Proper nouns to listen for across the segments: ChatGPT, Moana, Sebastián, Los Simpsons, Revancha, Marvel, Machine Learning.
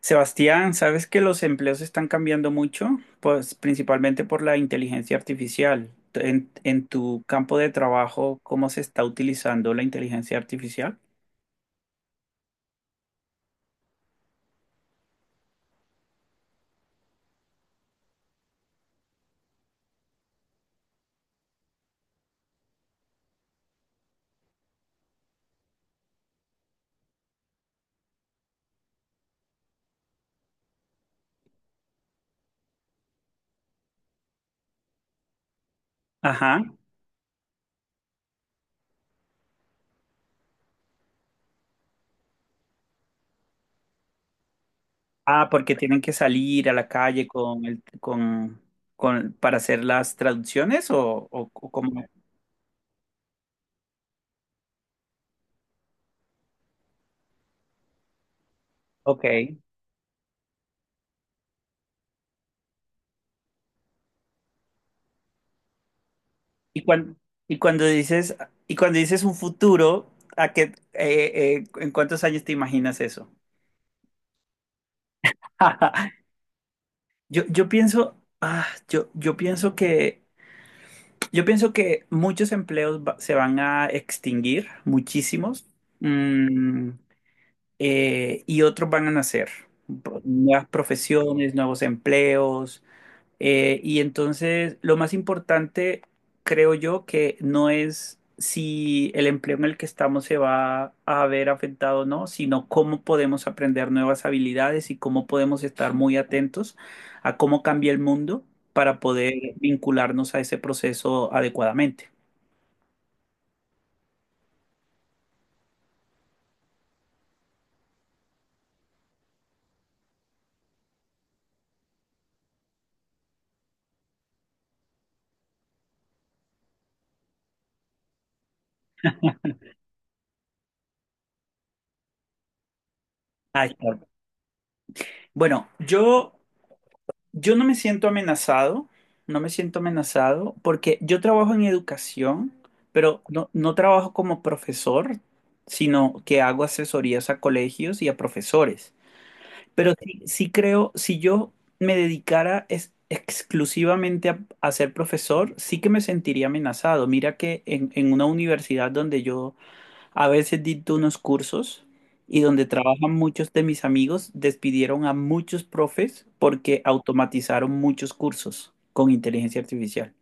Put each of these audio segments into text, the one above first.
Sebastián, ¿sabes que los empleos están cambiando mucho? Pues principalmente por la inteligencia artificial. En tu campo de trabajo, ¿cómo se está utilizando la inteligencia artificial? Ajá. Ah, ¿porque tienen que salir a la calle con, para hacer las traducciones o cómo? Ok. Y cuando, y cuando dices, y cuando dices un futuro, ¿a qué, en cuántos años te imaginas eso? Yo pienso, ah, yo, yo pienso que muchos empleos se van a extinguir, muchísimos, mm, y otros van a nacer. Nuevas profesiones, nuevos empleos, y entonces, lo más importante, creo yo, que no es si el empleo en el que estamos se va a ver afectado o no, sino cómo podemos aprender nuevas habilidades y cómo podemos estar muy atentos a cómo cambia el mundo para poder vincularnos a ese proceso adecuadamente. Ah, está. Bueno, yo Yo no me siento amenazado, no me siento amenazado porque yo trabajo en educación, pero no, no trabajo como profesor, sino que hago asesorías a colegios y a profesores. Pero sí, sí creo, si yo me dedicara exclusivamente a ser profesor, sí que me sentiría amenazado. Mira que en una universidad donde yo a veces di unos cursos y donde trabajan muchos de mis amigos, despidieron a muchos profes porque automatizaron muchos cursos con inteligencia artificial.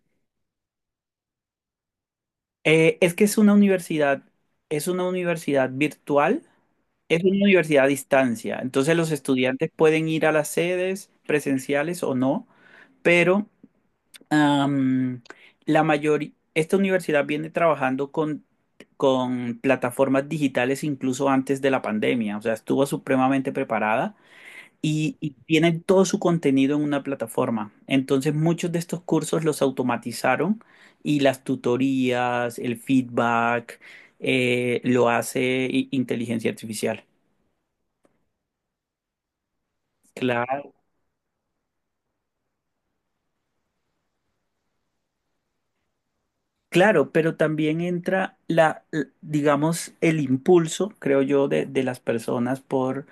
Es que es una universidad virtual, es una universidad a distancia. Entonces los estudiantes pueden ir a las sedes presenciales o no, pero Am, la mayoría, esta universidad viene trabajando con plataformas digitales incluso antes de la pandemia, o sea, estuvo supremamente preparada y tienen todo su contenido en una plataforma. Entonces, muchos de estos cursos los automatizaron y las tutorías, el feedback, lo hace inteligencia artificial. Claro, claro, pero también entra digamos, el impulso, creo yo, de las personas por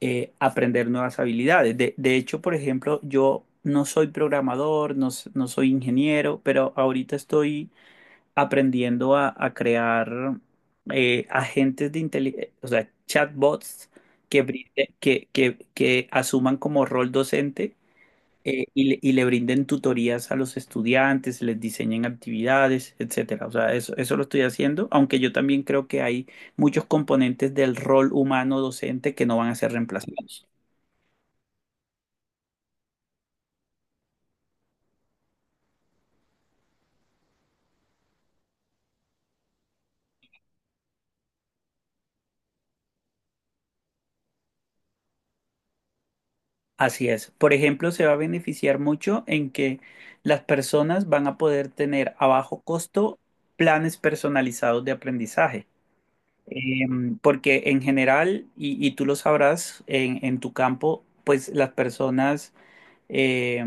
aprender nuevas habilidades. De hecho, por ejemplo, yo no soy programador, no, no soy ingeniero, pero ahorita estoy aprendiendo a crear agentes de inteligencia, o sea, chatbots que, brinde- que asuman como rol docente. Y y le brinden tutorías a los estudiantes, les diseñen actividades, etcétera. O sea, eso lo estoy haciendo, aunque yo también creo que hay muchos componentes del rol humano docente que no van a ser reemplazados. Así es. Por ejemplo, se va a beneficiar mucho en que las personas van a poder tener a bajo costo planes personalizados de aprendizaje. Em, porque en general, y tú lo sabrás, en tu campo, pues las personas eh,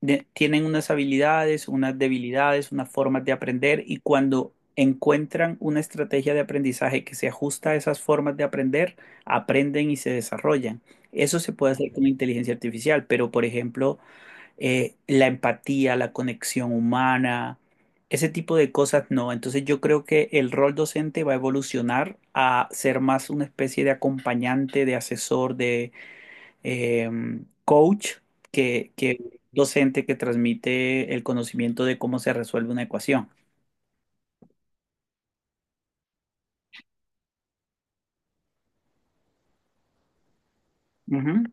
tienen unas habilidades, unas debilidades, unas formas de aprender y cuando encuentran una estrategia de aprendizaje que se ajusta a esas formas de aprender, aprenden y se desarrollan. Eso se puede hacer con inteligencia artificial, pero por ejemplo, la empatía, la conexión humana, ese tipo de cosas no. Entonces yo creo que el rol docente va a evolucionar a ser más una especie de acompañante, de asesor, de eh, coach, que docente que transmite el conocimiento de cómo se resuelve una ecuación. Ujú.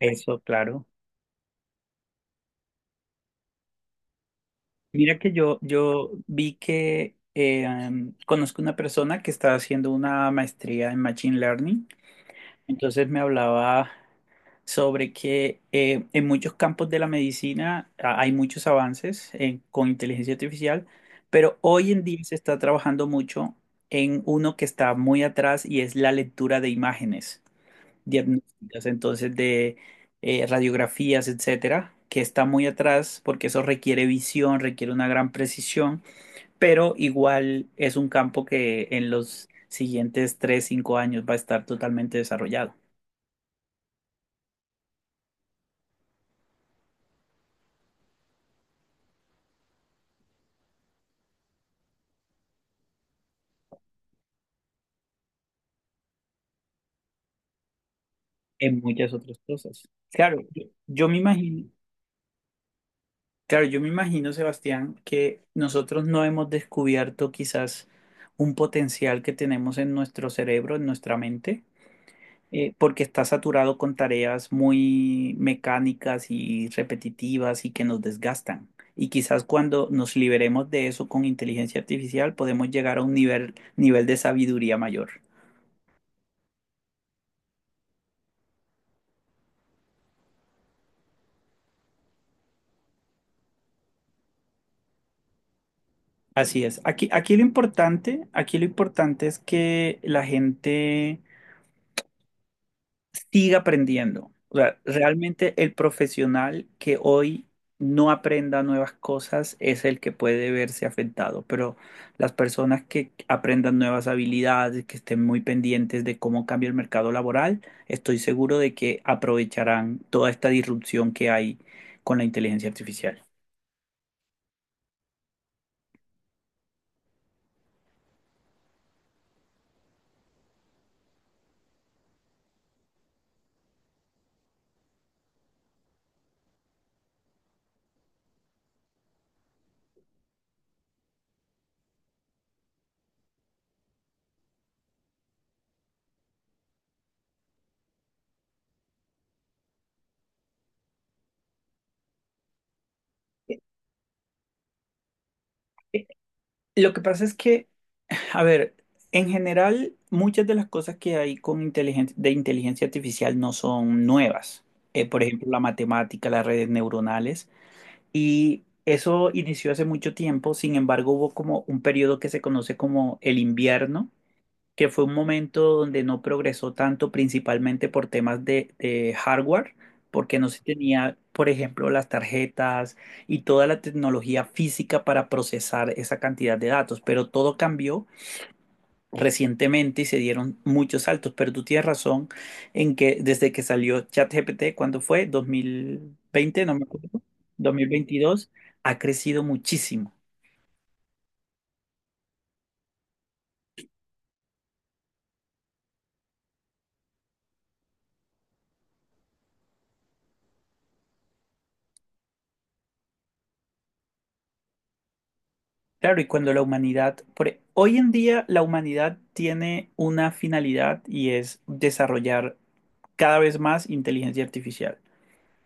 Eso, claro. Mira que yo vi que conozco una persona que está haciendo una maestría en Machine Learning, entonces me hablaba sobre que en muchos campos de la medicina hay muchos avances con inteligencia artificial, pero hoy en día se está trabajando mucho en uno que está muy atrás y es la lectura de imágenes diagnósticas, entonces de radiografías, etcétera, que está muy atrás porque eso requiere visión, requiere una gran precisión, pero igual es un campo que en los siguientes 3, 5 años va a estar totalmente desarrollado. En muchas otras cosas. Claro, yo me imagino, claro, yo me imagino, Sebastián, que nosotros no hemos descubierto quizás un potencial que tenemos en nuestro cerebro, en nuestra mente, porque está saturado con tareas muy mecánicas y repetitivas y que nos desgastan. Y quizás cuando nos liberemos de eso con inteligencia artificial, podemos llegar a un nivel de sabiduría mayor. Así es. Aquí lo importante es que la gente siga aprendiendo. O sea, realmente el profesional que hoy no aprenda nuevas cosas es el que puede verse afectado, pero las personas que aprendan nuevas habilidades, que estén muy pendientes de cómo cambia el mercado laboral, estoy seguro de que aprovecharán toda esta disrupción que hay con la inteligencia artificial. Lo que pasa es que, a ver, en general, muchas de las cosas que hay con inteligen- de inteligencia artificial no son nuevas. Por ejemplo, la matemática, las redes neuronales. Y eso inició hace mucho tiempo, sin embargo, hubo como un periodo que se conoce como el invierno que fue un momento donde no progresó tanto, principalmente por temas de hardware, porque no se tenía, por ejemplo, las tarjetas y toda la tecnología física para procesar esa cantidad de datos, pero todo cambió recientemente y se dieron muchos saltos, pero tú tienes razón en que desde que salió ChatGPT, ¿cuándo fue? ¿2020? No me acuerdo. ¿2022? Ha crecido muchísimo. Claro, y cuando la humanidad, hoy en día la humanidad tiene una finalidad y es desarrollar cada vez más inteligencia artificial.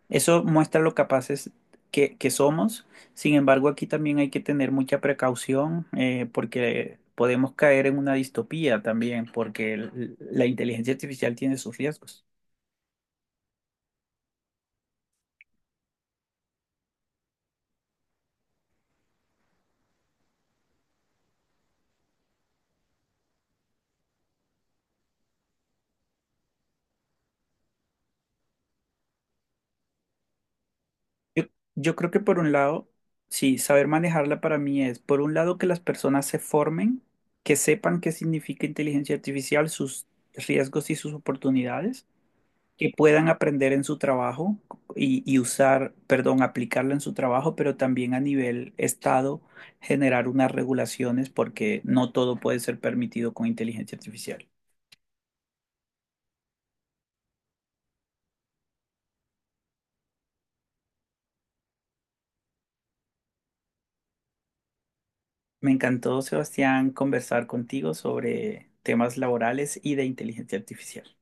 Eso muestra lo capaces que somos. Sin embargo, aquí también hay que tener mucha precaución, porque podemos caer en una distopía también, porque la inteligencia artificial tiene sus riesgos. Yo, yo creo que por un lado, sí, saber manejarla para mí es, por un lado, que las personas se formen, que sepan qué significa inteligencia artificial, sus riesgos y sus oportunidades, que puedan aprender en su trabajo y usar, perdón, aplicarla en su trabajo, pero también a nivel estado generar unas regulaciones porque no todo puede ser permitido con inteligencia artificial. Me encantó, Sebastián, conversar contigo sobre temas laborales y de inteligencia artificial.